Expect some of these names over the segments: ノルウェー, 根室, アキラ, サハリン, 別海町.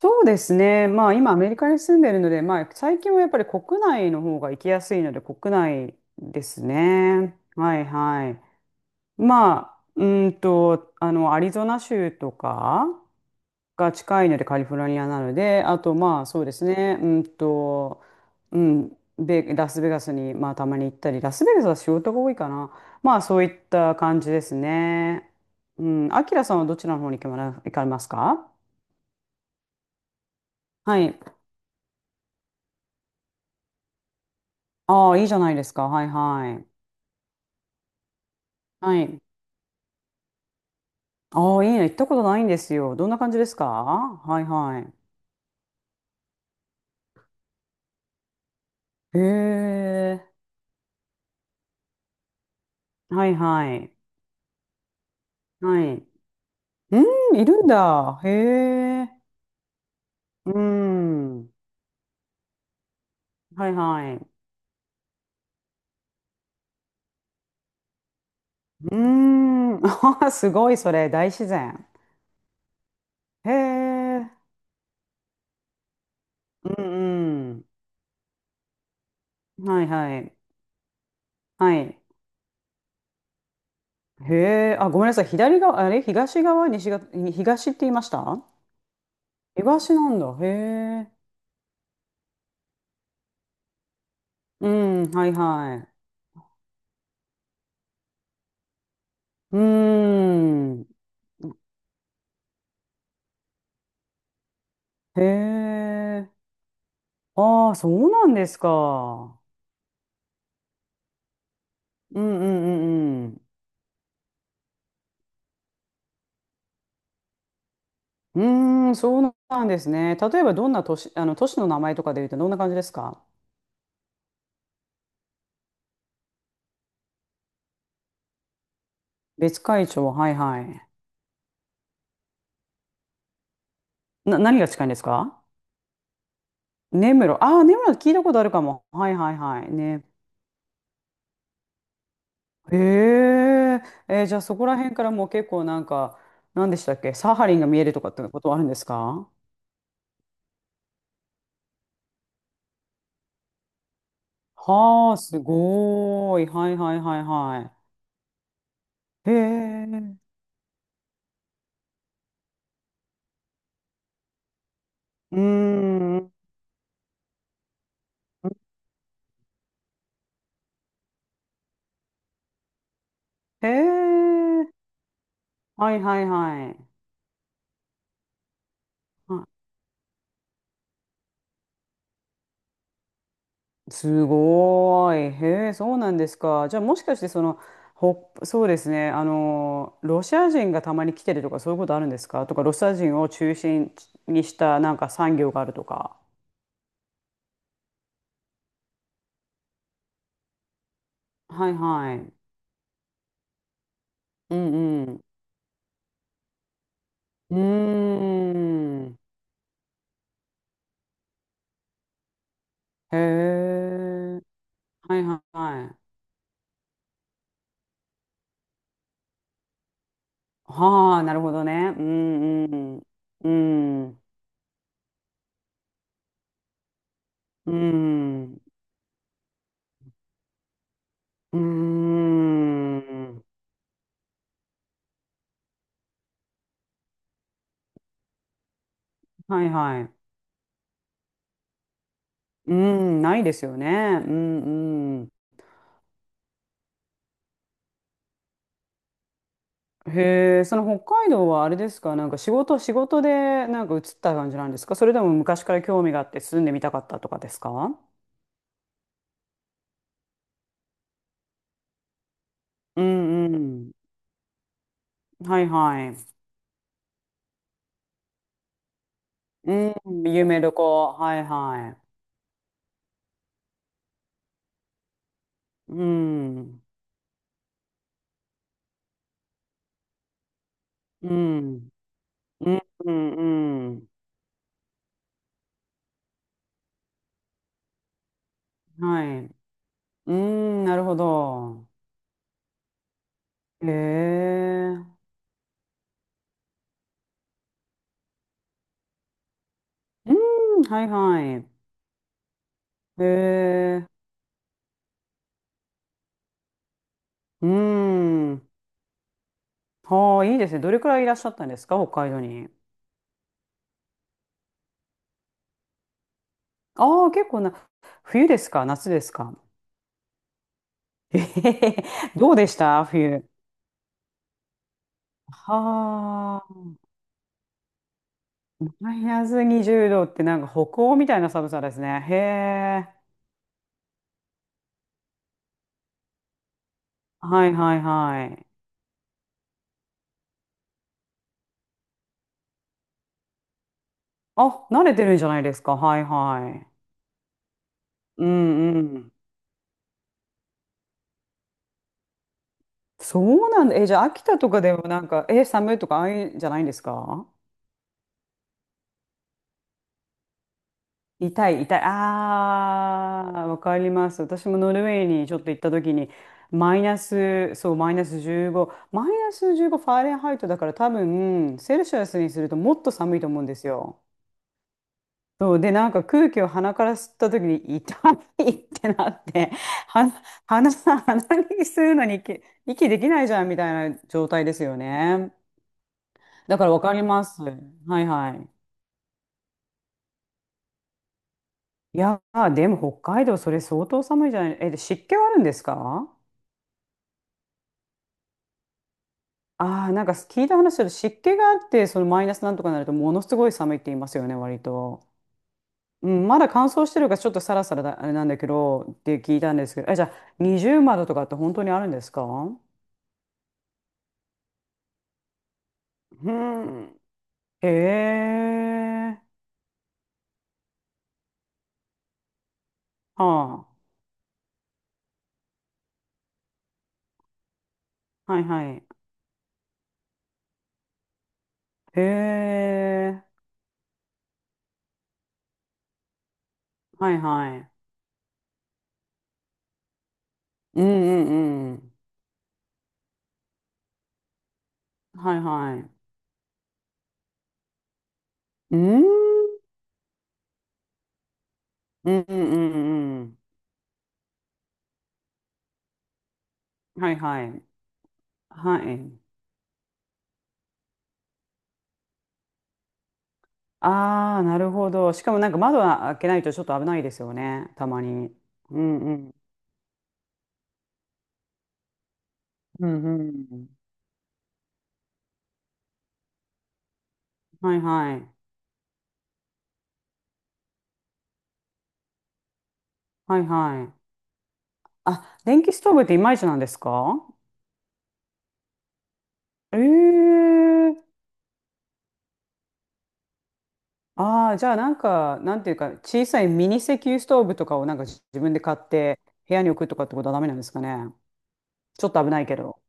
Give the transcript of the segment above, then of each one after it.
そうですね。まあ今アメリカに住んでるので、まあ最近はやっぱり国内の方が行きやすいので国内ですね。はいはい。まあ、アリゾナ州とかが近いのでカリフォルニアなので、あとまあそうですね。うん、ベラスベガスにまあたまに行ったり、ラスベガスは仕事が多いかな。まあそういった感じですね。うん、アキラさんはどちらの方に行かれますか？はい。ああ、いいじゃないですか。はいはい。はい。ああ、いいね。行ったことないんですよ。どんな感じですか？はいはい。へえ。はいはい。はい。うん、いるんだ。へえ。うん。はいはい。うん。ああ、すごい、それ。大自然。へえ。うんうん。はいはい。はい。へえ。あ、ごめんなさい。左側、あれ東側、西側、東って言いました？東なんだ。へえ。うん、はいはい。うーん。へえ。ああ、そうなんですか。うんうんうんうん。うーん、そうなんですね。例えばどんな都市、都市の名前とかで言うとどんな感じですか？別海町、はいはい。何が近いんですか？根室。ああ、根室聞いたことあるかも。はいはいはい。ね。へえ。じゃあそこら辺からもう結構なんか、何でしたっけ、サハリンが見えるとかってことはあるんですか？はあ、すごーい。はいはいはいはい。へえ。うーん。へえ。はいはいはい。あ、すごーい。へえ、そうなんですか。じゃあもしかしてその、そうですね。ロシア人がたまに来てるとかそういうことあるんですかとか、ロシア人を中心にしたなんか産業があるとか。はいはい。うんうん。うーん。へえ。はいはいはい。はあ、なるほどね。うんうん。うん。うん。うーん。はいはい。うーん、ないですよね。うんうん。へえ、その北海道はあれですか、なんか仕事でなんか移った感じなんですか、それでも昔から興味があって住んでみたかったとかですか？うんうん。はいはい。うん、夢旅行。はいはい。うん。うん。うん、うん、うん。はい。うん、なるほど。へえ。うん、はいはい。へえ。うーん。ああ、いいですね。どれくらいいらっしゃったんですか、北海道に？ああ、結構な、冬ですか、夏ですか？えへへ、どうでした冬？はあ、マイナス20度ってなんか北欧みたいな寒さですね。へえ。はいはいはい。あ、慣れてるんじゃないですか。はいはい。うんうん。そうなんだ。え、じゃあ秋田とかでもなんか、え、寒いとかああいうんじゃないんですか？痛い、痛い。ああ、わかります。私もノルウェーにちょっと行った時に、マイナス、そう、マイナス15、マイナス15ファーレンハイトだから多分、セルシアスにするともっと寒いと思うんですよ。そう、で、なんか空気を鼻から吸った時に痛いってなって、鼻、鼻に吸うのに息できないじゃんみたいな状態ですよね。だからわかります。はいはい。いやー、でも北海道それ相当寒いじゃない。え、で、湿気はあるんですか？ああ、なんか聞いた話だと湿気があって、そのマイナスなんとかになるとものすごい寒いって言いますよね、割と。うん、まだ乾燥してるからちょっとサラサラだ、あれなんだけどって聞いたんですけど、え、じゃあ20窓とかって本当にあるんですか？うん。へえ。はあ。はいはい。へえ。はいはい。うんうんうん。はいはい。うん。うんうんうんうん。はいはい。はい。ああ、なるほど。しかもなんか窓は開けないとちょっと危ないですよね。たまに。うんうん。うんうん。はいはい。はいはい。あ、電気ストーブっていまいちなんですか？ええー、ああー、じゃあなんか、なんていうか、小さいミニ石油ストーブとかをなんか自分で買って部屋に置くとかってことはダメなんですかね。ちょっと危ないけど。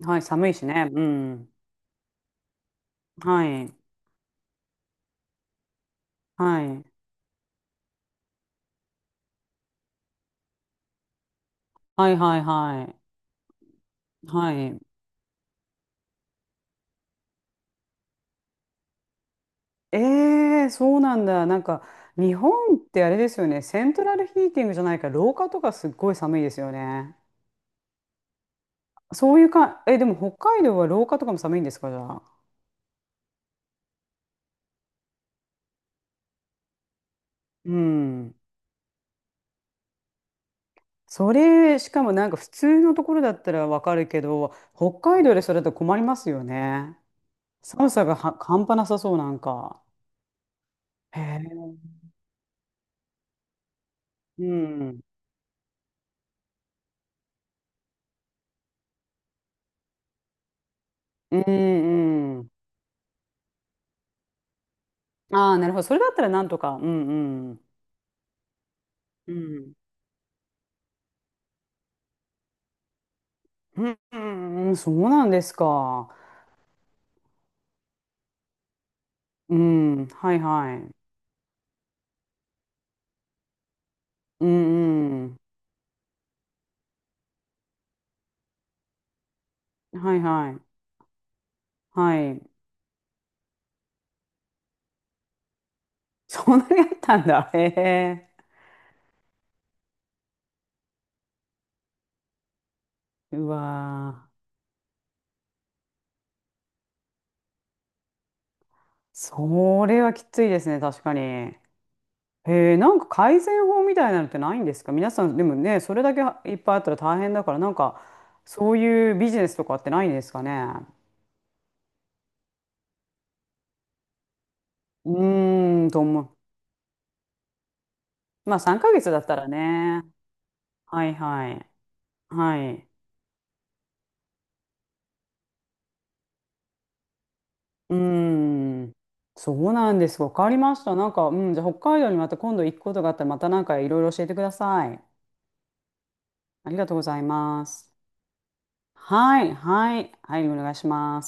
はい、寒いしね。うん。はい。はい。はいはいはい。はい。ええ、そうなんだ。なんか、日本ってあれですよね。セントラルヒーティングじゃないから、廊下とかすっごい寒いですよね。そういうか、え、でも北海道は廊下とかも寒いんですか、じゃあ。うん。それ、しかもなんか普通のところだったらわかるけど、北海道でそれだと困りますよね。寒さがは半端なさそう、なんか。へえ。うん。うんうん。ああ、なるほど。それだったらなんとか。うんうん。うん。うんうんうん、そうなんですか。うん、はいはい。うんうん。はいはい。はい。そんなにあったんだ。へえ。うわー。それはきついですね、確かに。へえ、なんか改善法みたいなのってないんですか皆さん、でもね、それだけいっぱいあったら大変だから、なんか、そういうビジネスとかってないんですかね。うーん、と思う。まあ、3ヶ月だったらね。はいはい。はい。うーん、そうなんです。わかりました。なんか、うん、じゃあ北海道にまた今度行くことがあったら、またなんかいろいろ教えてください。ありがとうございます。はい、はい、はい、お願いします。